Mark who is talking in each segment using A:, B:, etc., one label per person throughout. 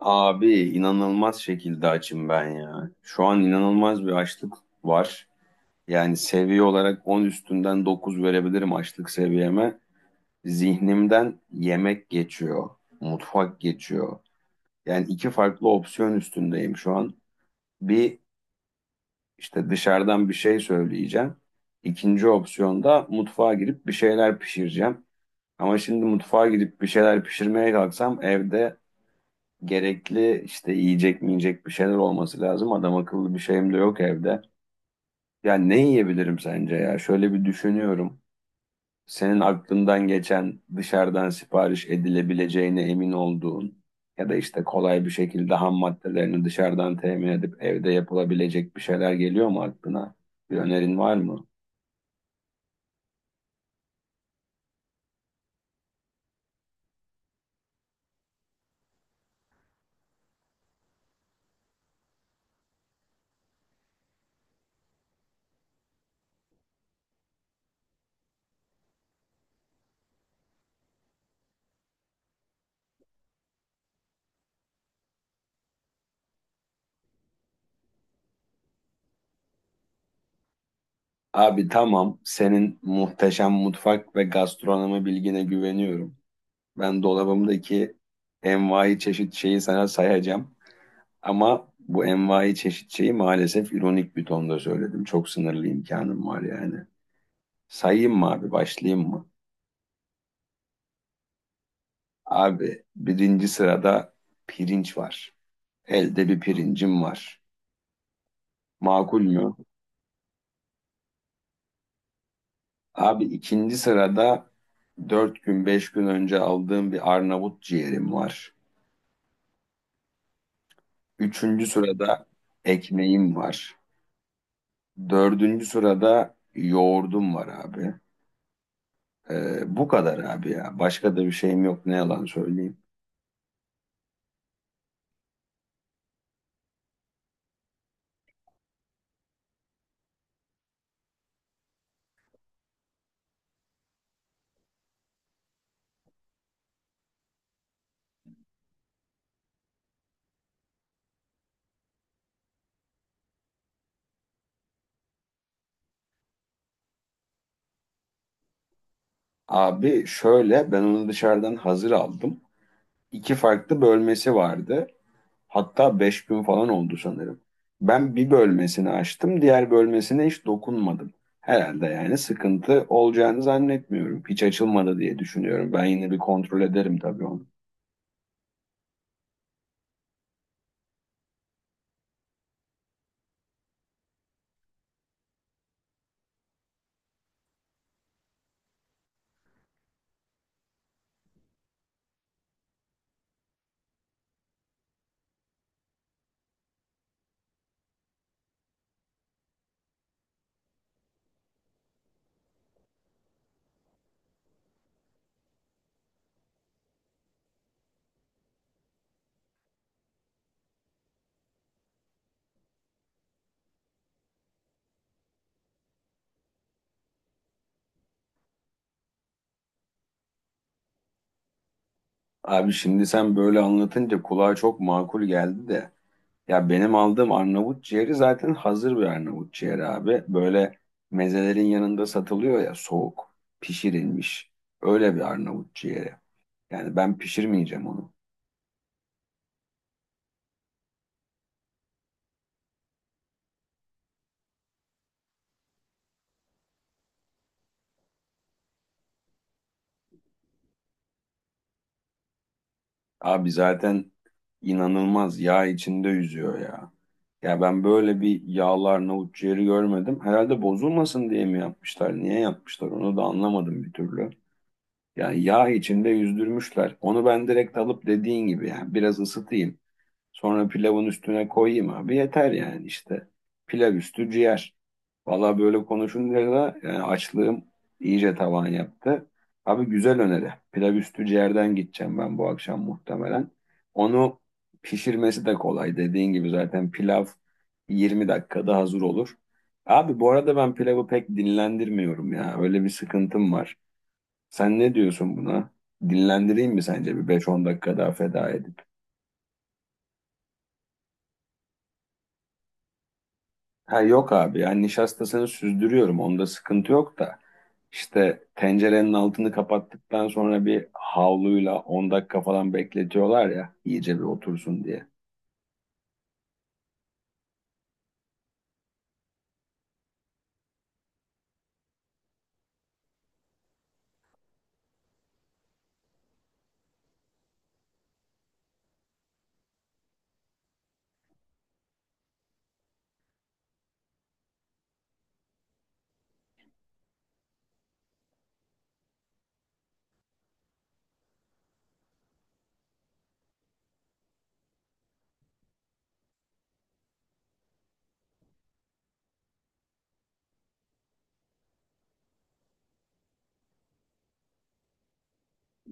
A: Abi inanılmaz şekilde açım ben ya. Şu an inanılmaz bir açlık var. Yani seviye olarak 10 üstünden 9 verebilirim açlık seviyeme. Zihnimden yemek geçiyor, mutfak geçiyor. Yani iki farklı opsiyon üstündeyim şu an. Bir işte dışarıdan bir şey söyleyeceğim. İkinci opsiyonda mutfağa girip bir şeyler pişireceğim. Ama şimdi mutfağa girip bir şeyler pişirmeye kalksam evde gerekli işte yiyecek mi bir şeyler olması lazım. Adam akıllı bir şeyim de yok evde. Ya ne yiyebilirim sence ya? Şöyle bir düşünüyorum. Senin aklından geçen dışarıdan sipariş edilebileceğine emin olduğun ya da işte kolay bir şekilde ham maddelerini dışarıdan temin edip evde yapılabilecek bir şeyler geliyor mu aklına? Bir önerin var mı? Abi tamam, senin muhteşem mutfak ve gastronomi bilgine güveniyorum. Ben dolabımdaki envai çeşit şeyi sana sayacağım. Ama bu envai çeşit şeyi maalesef ironik bir tonda söyledim. Çok sınırlı imkanım var yani. Sayayım mı abi, başlayayım mı? Abi birinci sırada pirinç var. Elde bir pirincim var. Makul mü? Abi ikinci sırada dört gün beş gün önce aldığım bir Arnavut ciğerim var. Üçüncü sırada ekmeğim var. Dördüncü sırada yoğurdum var abi. Bu kadar abi ya. Başka da bir şeyim yok, ne yalan söyleyeyim. Abi şöyle, ben onu dışarıdan hazır aldım. İki farklı bölmesi vardı. Hatta beş gün falan oldu sanırım. Ben bir bölmesini açtım, diğer bölmesine hiç dokunmadım. Herhalde yani sıkıntı olacağını zannetmiyorum. Hiç açılmadı diye düşünüyorum. Ben yine bir kontrol ederim tabii onu. Abi şimdi sen böyle anlatınca kulağa çok makul geldi de. Ya benim aldığım Arnavut ciğeri zaten hazır bir Arnavut ciğeri abi. Böyle mezelerin yanında satılıyor ya, soğuk, pişirilmiş. Öyle bir Arnavut ciğeri. Yani ben pişirmeyeceğim onu. Abi zaten inanılmaz yağ içinde yüzüyor ya. Ya ben böyle bir yağlı Arnavut ciğeri görmedim. Herhalde bozulmasın diye mi yapmışlar? Niye yapmışlar? Onu da anlamadım bir türlü. Yani yağ içinde yüzdürmüşler. Onu ben direkt alıp dediğin gibi yani biraz ısıtayım. Sonra pilavın üstüne koyayım abi, yeter yani işte. Pilav üstü ciğer. Valla böyle konuşunca da yani açlığım iyice tavan yaptı. Abi güzel öneri. Pilav üstü ciğerden gideceğim ben bu akşam muhtemelen. Onu pişirmesi de kolay. Dediğin gibi zaten pilav 20 dakikada hazır olur. Abi bu arada ben pilavı pek dinlendirmiyorum ya. Öyle bir sıkıntım var. Sen ne diyorsun buna? Dinlendireyim mi sence bir beş on dakika daha feda edip? Ha yok abi, yani nişastasını süzdürüyorum, onda sıkıntı yok da işte tencerenin altını kapattıktan sonra bir havluyla 10 dakika falan bekletiyorlar ya iyice bir otursun diye.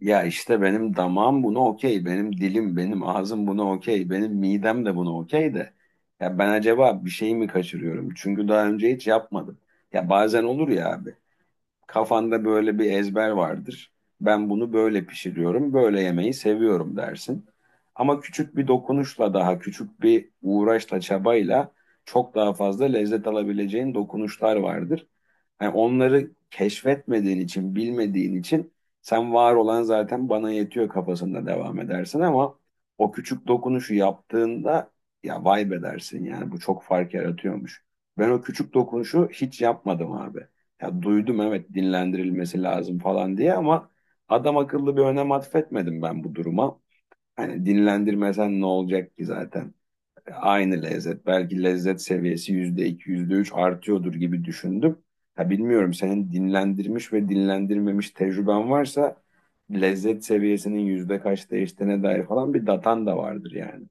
A: Ya işte benim damağım buna okey, benim dilim, benim ağzım buna okey, benim midem de buna okey de ya ben acaba bir şey mi kaçırıyorum? Çünkü daha önce hiç yapmadım. Ya bazen olur ya abi. Kafanda böyle bir ezber vardır. Ben bunu böyle pişiriyorum, böyle yemeği seviyorum dersin. Ama küçük bir dokunuşla, daha küçük bir uğraşla, çabayla çok daha fazla lezzet alabileceğin dokunuşlar vardır. Yani onları keşfetmediğin için, bilmediğin için sen var olan zaten bana yetiyor kafasında devam edersin ama o küçük dokunuşu yaptığında ya vay be dersin, yani bu çok fark yaratıyormuş. Ben o küçük dokunuşu hiç yapmadım abi. Ya duydum, evet, dinlendirilmesi lazım falan diye ama adam akıllı bir önem atfetmedim ben bu duruma. Hani dinlendirmesen ne olacak ki zaten? Aynı lezzet. Belki lezzet seviyesi yüzde iki, yüzde üç artıyordur gibi düşündüm. Ha bilmiyorum, senin dinlendirmiş ve dinlendirmemiş tecrüben varsa lezzet seviyesinin yüzde kaç değiştiğine dair falan bir datan da vardır yani.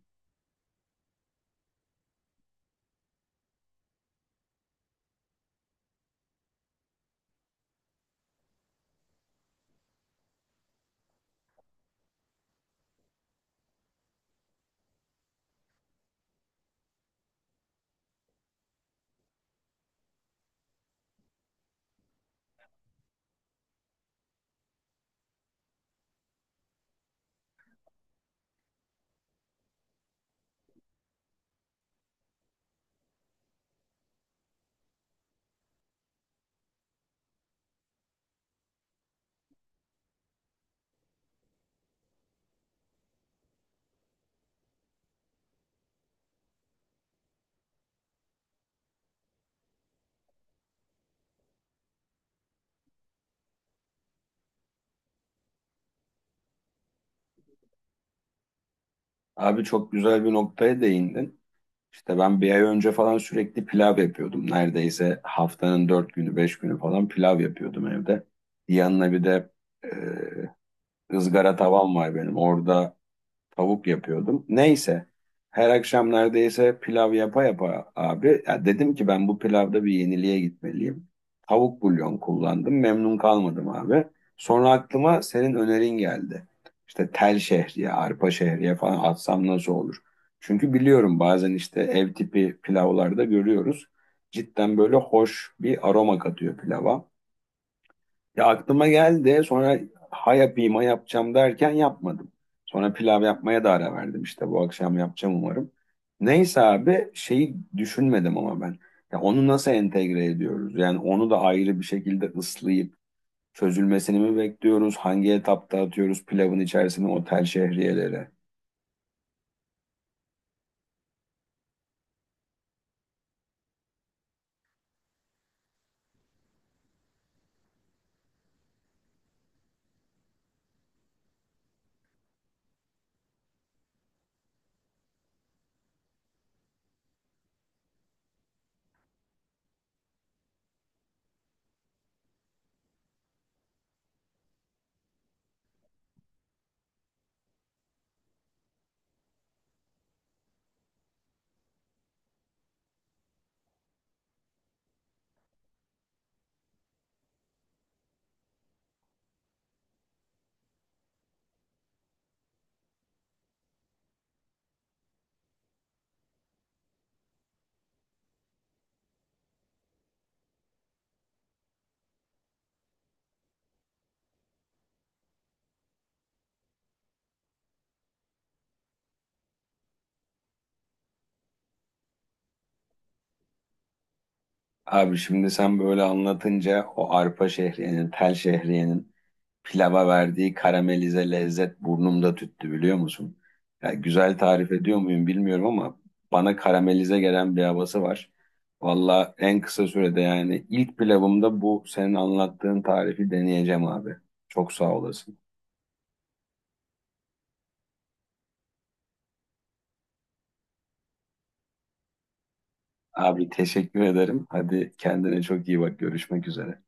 A: Abi çok güzel bir noktaya değindin. İşte ben bir ay önce falan sürekli pilav yapıyordum. Neredeyse haftanın dört günü, beş günü falan pilav yapıyordum evde. Yanına bir de e, ızgara tavam var benim. Orada tavuk yapıyordum. Neyse. Her akşam neredeyse pilav yapa yapa abi. Ya dedim ki ben bu pilavda bir yeniliğe gitmeliyim. Tavuk bulyon kullandım. Memnun kalmadım abi. Sonra aklıma senin önerin geldi. İşte tel şehriye, arpa şehriye falan atsam nasıl olur? Çünkü biliyorum bazen işte ev tipi pilavlarda görüyoruz. Cidden böyle hoş bir aroma katıyor pilava. Ya aklıma geldi sonra, ha yapayım ha yapacağım derken yapmadım. Sonra pilav yapmaya da ara verdim, işte bu akşam yapacağım umarım. Neyse abi şeyi düşünmedim ama ben. Ya onu nasıl entegre ediyoruz? Yani onu da ayrı bir şekilde ıslayıp çözülmesini mi bekliyoruz? Hangi etapta atıyoruz pilavın içerisine o tel şehriyeleri? Abi şimdi sen böyle anlatınca o arpa şehriyenin, tel şehriyenin pilava verdiği karamelize lezzet burnumda tüttü, biliyor musun? Ya güzel tarif ediyor muyum bilmiyorum ama bana karamelize gelen bir havası var. Valla en kısa sürede, yani ilk pilavımda bu senin anlattığın tarifi deneyeceğim abi. Çok sağ olasın. Abi teşekkür ederim. Hadi kendine çok iyi bak. Görüşmek üzere.